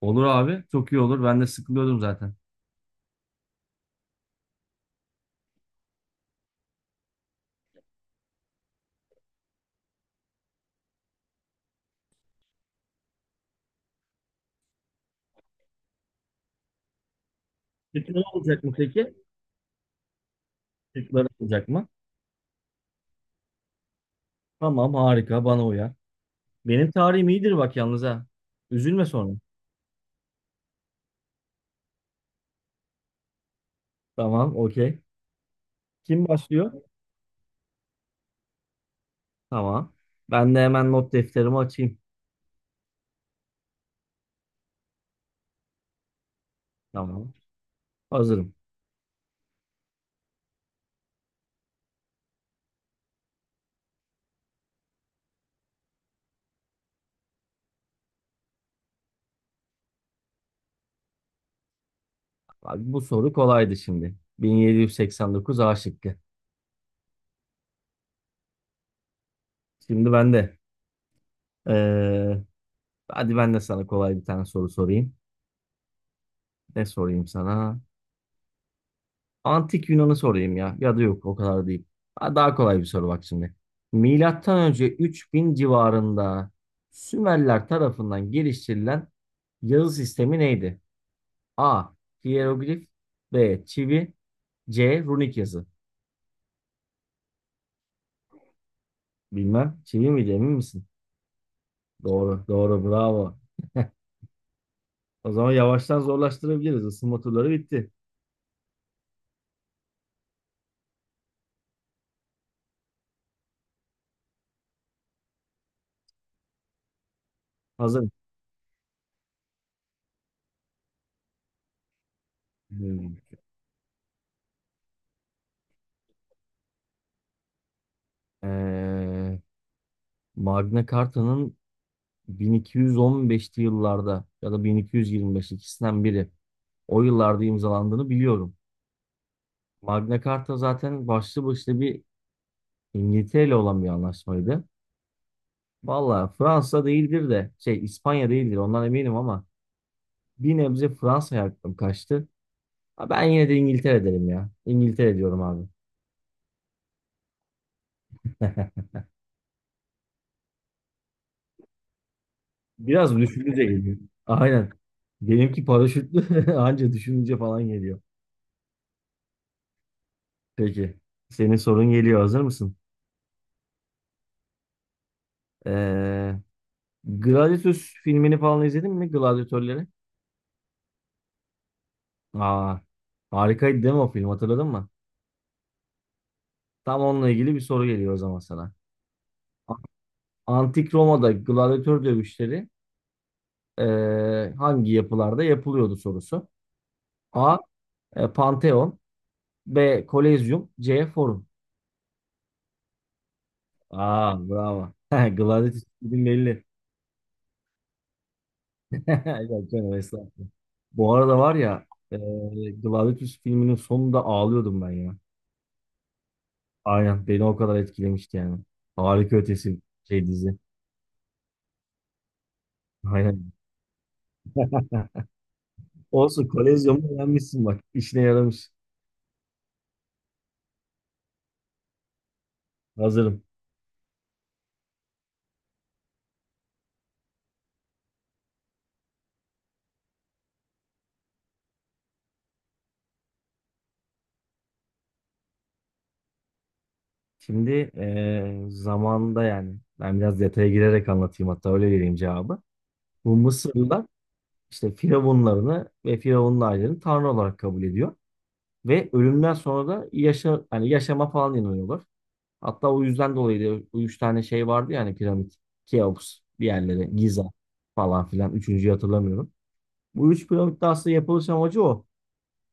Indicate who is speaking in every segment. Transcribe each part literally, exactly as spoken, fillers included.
Speaker 1: Olur abi. Çok iyi olur. Ben de sıkılıyordum zaten. Peki ne olacak mı peki? Çocuklar olacak mı? Tamam, harika, bana uyar. Benim tarihim iyidir bak yalnız ha. Üzülme sonra. Tamam, okey. Kim başlıyor? Tamam. Ben de hemen not defterimi açayım. Tamam. Hazırım. Bak, bu soru kolaydı şimdi. bin yedi yüz seksen dokuz, A şıkkı. Şimdi ben de. eee, Hadi ben de sana kolay bir tane soru sorayım. Ne sorayım sana? Antik Yunan'ı sorayım ya. Ya da yok, o kadar değil. Ha, daha kolay bir soru bak şimdi. Milattan önce üç bin civarında Sümerler tarafından geliştirilen yazı sistemi neydi? A. Hiyeroglif. B. Çivi. C. Runik yazı. Bilmem. Çivi miydi, emin misin? Doğru. Doğru. Bravo. O zaman yavaştan zorlaştırabiliriz. Isınma turları bitti. Hazır. Hmm. Ee, Magna Carta'nın bin iki yüz on beşli yıllarda ya da bin iki yüz yirmi beş, ikisinden biri o yıllarda imzalandığını biliyorum. Magna Carta zaten başlı başına bir İngiltere ile olan bir anlaşmaydı. Valla Fransa değildir de şey, İspanya değildir ondan eminim ama bir nebze Fransa'ya aklım kaçtı. Ha, ben yine de İngiltere derim ya. İngiltere diyorum abi. Biraz düşününce geliyor. Aynen. Benimki paraşütlü, anca düşününce falan geliyor. Peki. Senin sorun geliyor. Hazır mısın? Ee, Gladiator filmini falan izledin mi? Gladiatörleri. Aa, harikaydı değil mi o film, hatırladın mı? Tam onunla ilgili bir soru geliyor o zaman sana. A- Antik Roma'da gladyatör dövüşleri eee, hangi yapılarda yapılıyordu sorusu. A. e, Pantheon. B. Kolezyum. C. Forum. Aa, bravo. Gladyatör film belli. Yok canım, estağfurullah. Bu arada var ya, eee Gladiator filminin sonunda ağlıyordum ben ya. Aynen, beni o kadar etkilemişti yani. Harika ötesi şey dizi. Aynen. Olsun, kolezyonu beğenmişsin bak. İşine yaramış. Hazırım. Şimdi eee zamanında, yani ben biraz detaya girerek anlatayım, hatta öyle vereyim cevabı. Bu Mısırlılar işte firavunlarını ve firavunlu ailelerini tanrı olarak kabul ediyor. Ve ölümden sonra da yaşa, hani yaşama falan inanıyorlar. Hatta o yüzden dolayı da o üç tane şey vardı ya, hani piramit, Keops, diğerleri, Giza falan filan. Üçüncüyü hatırlamıyorum. Bu üç piramitte aslında yapılış amacı o.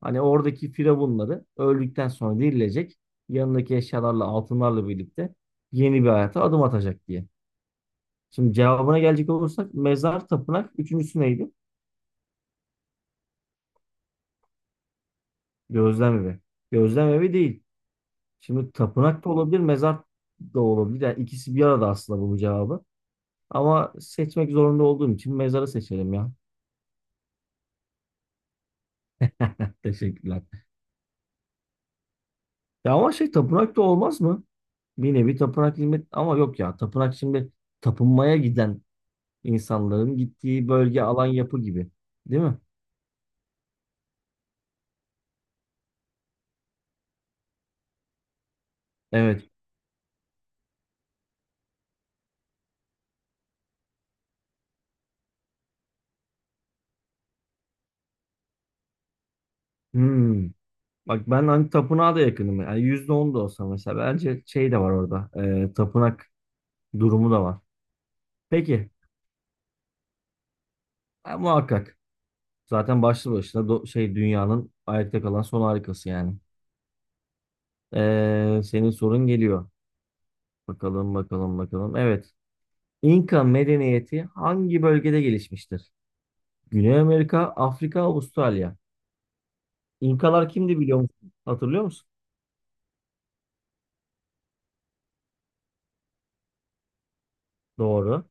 Speaker 1: Hani oradaki firavunları öldükten sonra dirilecek. Yanındaki eşyalarla, altınlarla birlikte yeni bir hayata adım atacak diye. Şimdi cevabına gelecek olursak mezar, tapınak. Üçüncüsü neydi? Gözlem evi. Gözlem evi değil. Şimdi tapınak da olabilir, mezar da olabilir. Yani ikisi bir arada aslında bu cevabı. Ama seçmek zorunda olduğum için mezarı seçelim ya. Teşekkürler. Ya ama şey, tapınak da olmaz mı? Bir nevi tapınak hizmet ama yok ya, tapınak şimdi tapınmaya giden insanların gittiği bölge, alan, yapı gibi. Değil mi? Evet. Hmm. Bak ben hani tapınağa da yakınım. Yani yüzde on da olsa mesela, bence şey de var orada. E, tapınak durumu da var. Peki. Ha, muhakkak. Zaten başlı başına do- şey, dünyanın ayakta kalan son harikası yani. E, senin sorun geliyor. Bakalım, bakalım, bakalım. Evet. İnka medeniyeti hangi bölgede gelişmiştir? Güney Amerika, Afrika, Avustralya. İnkalar kimdi, biliyor musun? Hatırlıyor musun? Doğru.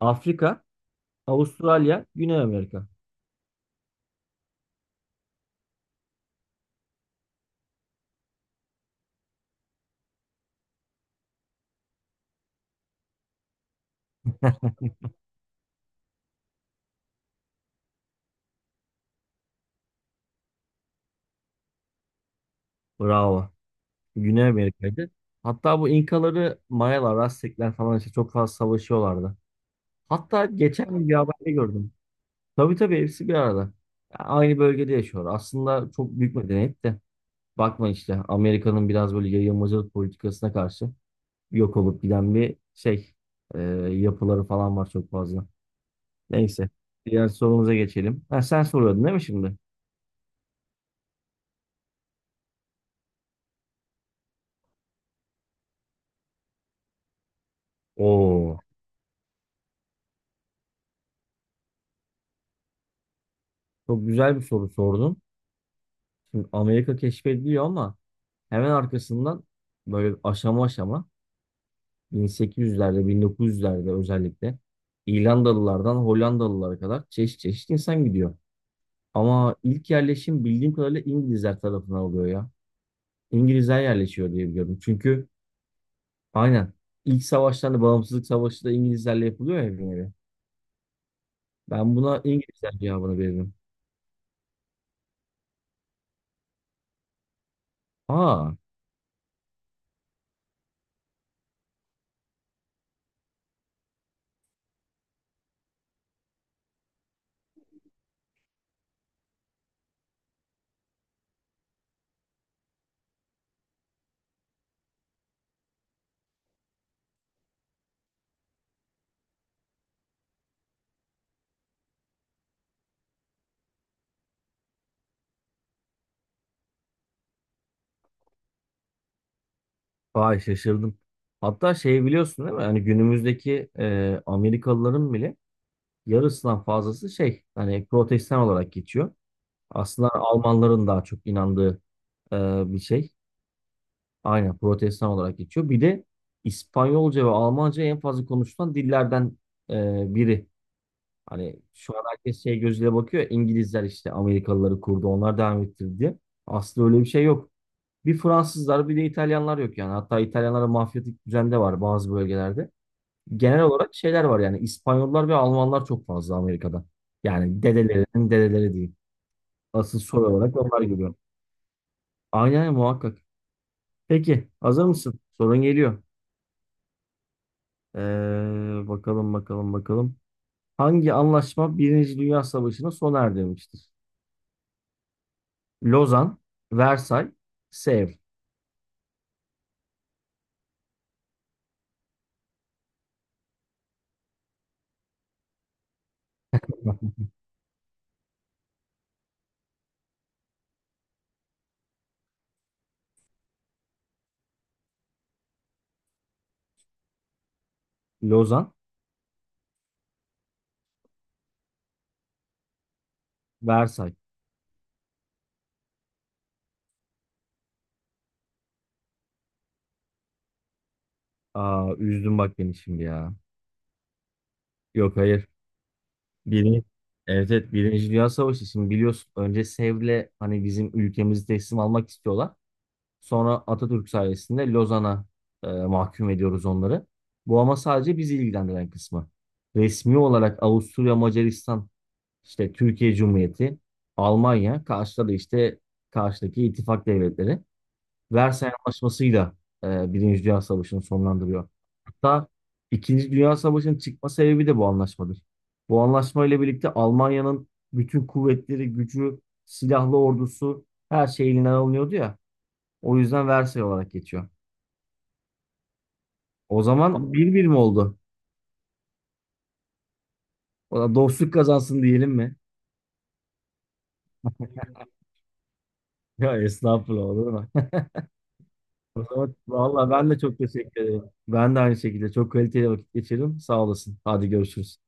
Speaker 1: Afrika, Avustralya, Güney Amerika. Bravo. Güney Amerika'ydı. Hatta bu İnkaları, Mayalar, Aztekler falan işte çok fazla savaşıyorlardı. Hatta geçen bir haberde gördüm. Tabii, tabii, hepsi bir arada. Ya, aynı bölgede yaşıyor. Aslında çok büyük medeniyet de. Bakma, işte Amerika'nın biraz böyle yayılmacılık politikasına karşı yok olup giden bir şey. e, Yapıları falan var çok fazla. Neyse. Diğer sorumuza geçelim. Ha, sen soruyordun değil mi şimdi? Oo, çok güzel bir soru sordun. Şimdi Amerika keşfediliyor ama hemen arkasından böyle aşama aşama bin sekiz yüzlerde, bin dokuz yüzlerde özellikle İrlandalılardan Hollandalılara kadar çeşit çeşit insan gidiyor. Ama ilk yerleşim bildiğim kadarıyla İngilizler tarafından oluyor ya. İngilizler yerleşiyor diye biliyorum. Çünkü aynen ilk savaşlarda Bağımsızlık Savaşı da İngilizlerle yapılıyor ya bir nevi. Ben buna İngilizler cevabını veririm. Aa, vay şaşırdım. Hatta şey, biliyorsun değil mi? Hani günümüzdeki e, Amerikalıların bile yarısından fazlası şey, hani protestan olarak geçiyor. Aslında Almanların daha çok inandığı e, bir şey. Aynen, protestan olarak geçiyor. Bir de İspanyolca ve Almanca en fazla konuşulan dillerden e, biri. Hani şu an herkes şey gözüyle bakıyor. İngilizler işte Amerikalıları kurdu, onlar devam ettirdi diye. Aslında öyle bir şey yok. Bir Fransızlar, bir de İtalyanlar yok yani. Hatta İtalyanlara mafyatik düzen de var bazı bölgelerde. Genel olarak şeyler var yani, İspanyollar ve Almanlar çok fazla Amerika'da. Yani dedelerinin dedeleri diyeyim. Asıl soru olarak onlar geliyor. Aynen, muhakkak. Peki, hazır mısın? Sorun geliyor. Ee, bakalım, bakalım, bakalım. Hangi anlaşma Birinci Dünya Savaşı'nı sona erdirmiştir? Lozan, Versay, Sevr. Lozan, Versay. Aa, üzdün bak beni şimdi ya. Yok, hayır. Birinci, evet, evet, Birinci Dünya Savaşı, şimdi biliyorsun önce Sevr'le hani bizim ülkemizi teslim almak istiyorlar. Sonra Atatürk sayesinde Lozan'a e, mahkum ediyoruz onları. Bu ama sadece bizi ilgilendiren kısmı. Resmi olarak Avusturya, Macaristan, işte Türkiye Cumhuriyeti, Almanya, karşıda da işte karşıdaki ittifak devletleri. Versay Anlaşması'yla e, Birinci Dünya Savaşı'nı sonlandırıyor. Hatta İkinci Dünya Savaşı'nın çıkma sebebi de bu anlaşmadır. Bu anlaşma ile birlikte Almanya'nın bütün kuvvetleri, gücü, silahlı ordusu, her şey elinden alınıyordu ya. O yüzden Versay olarak geçiyor. O zaman bir bir mi oldu? O da dostluk kazansın diyelim mi? Ya estağfurullah, olur mu? O zaman vallahi ben de çok teşekkür ederim. Ben de aynı şekilde çok kaliteli vakit geçirdim. Sağ olasın. Hadi görüşürüz.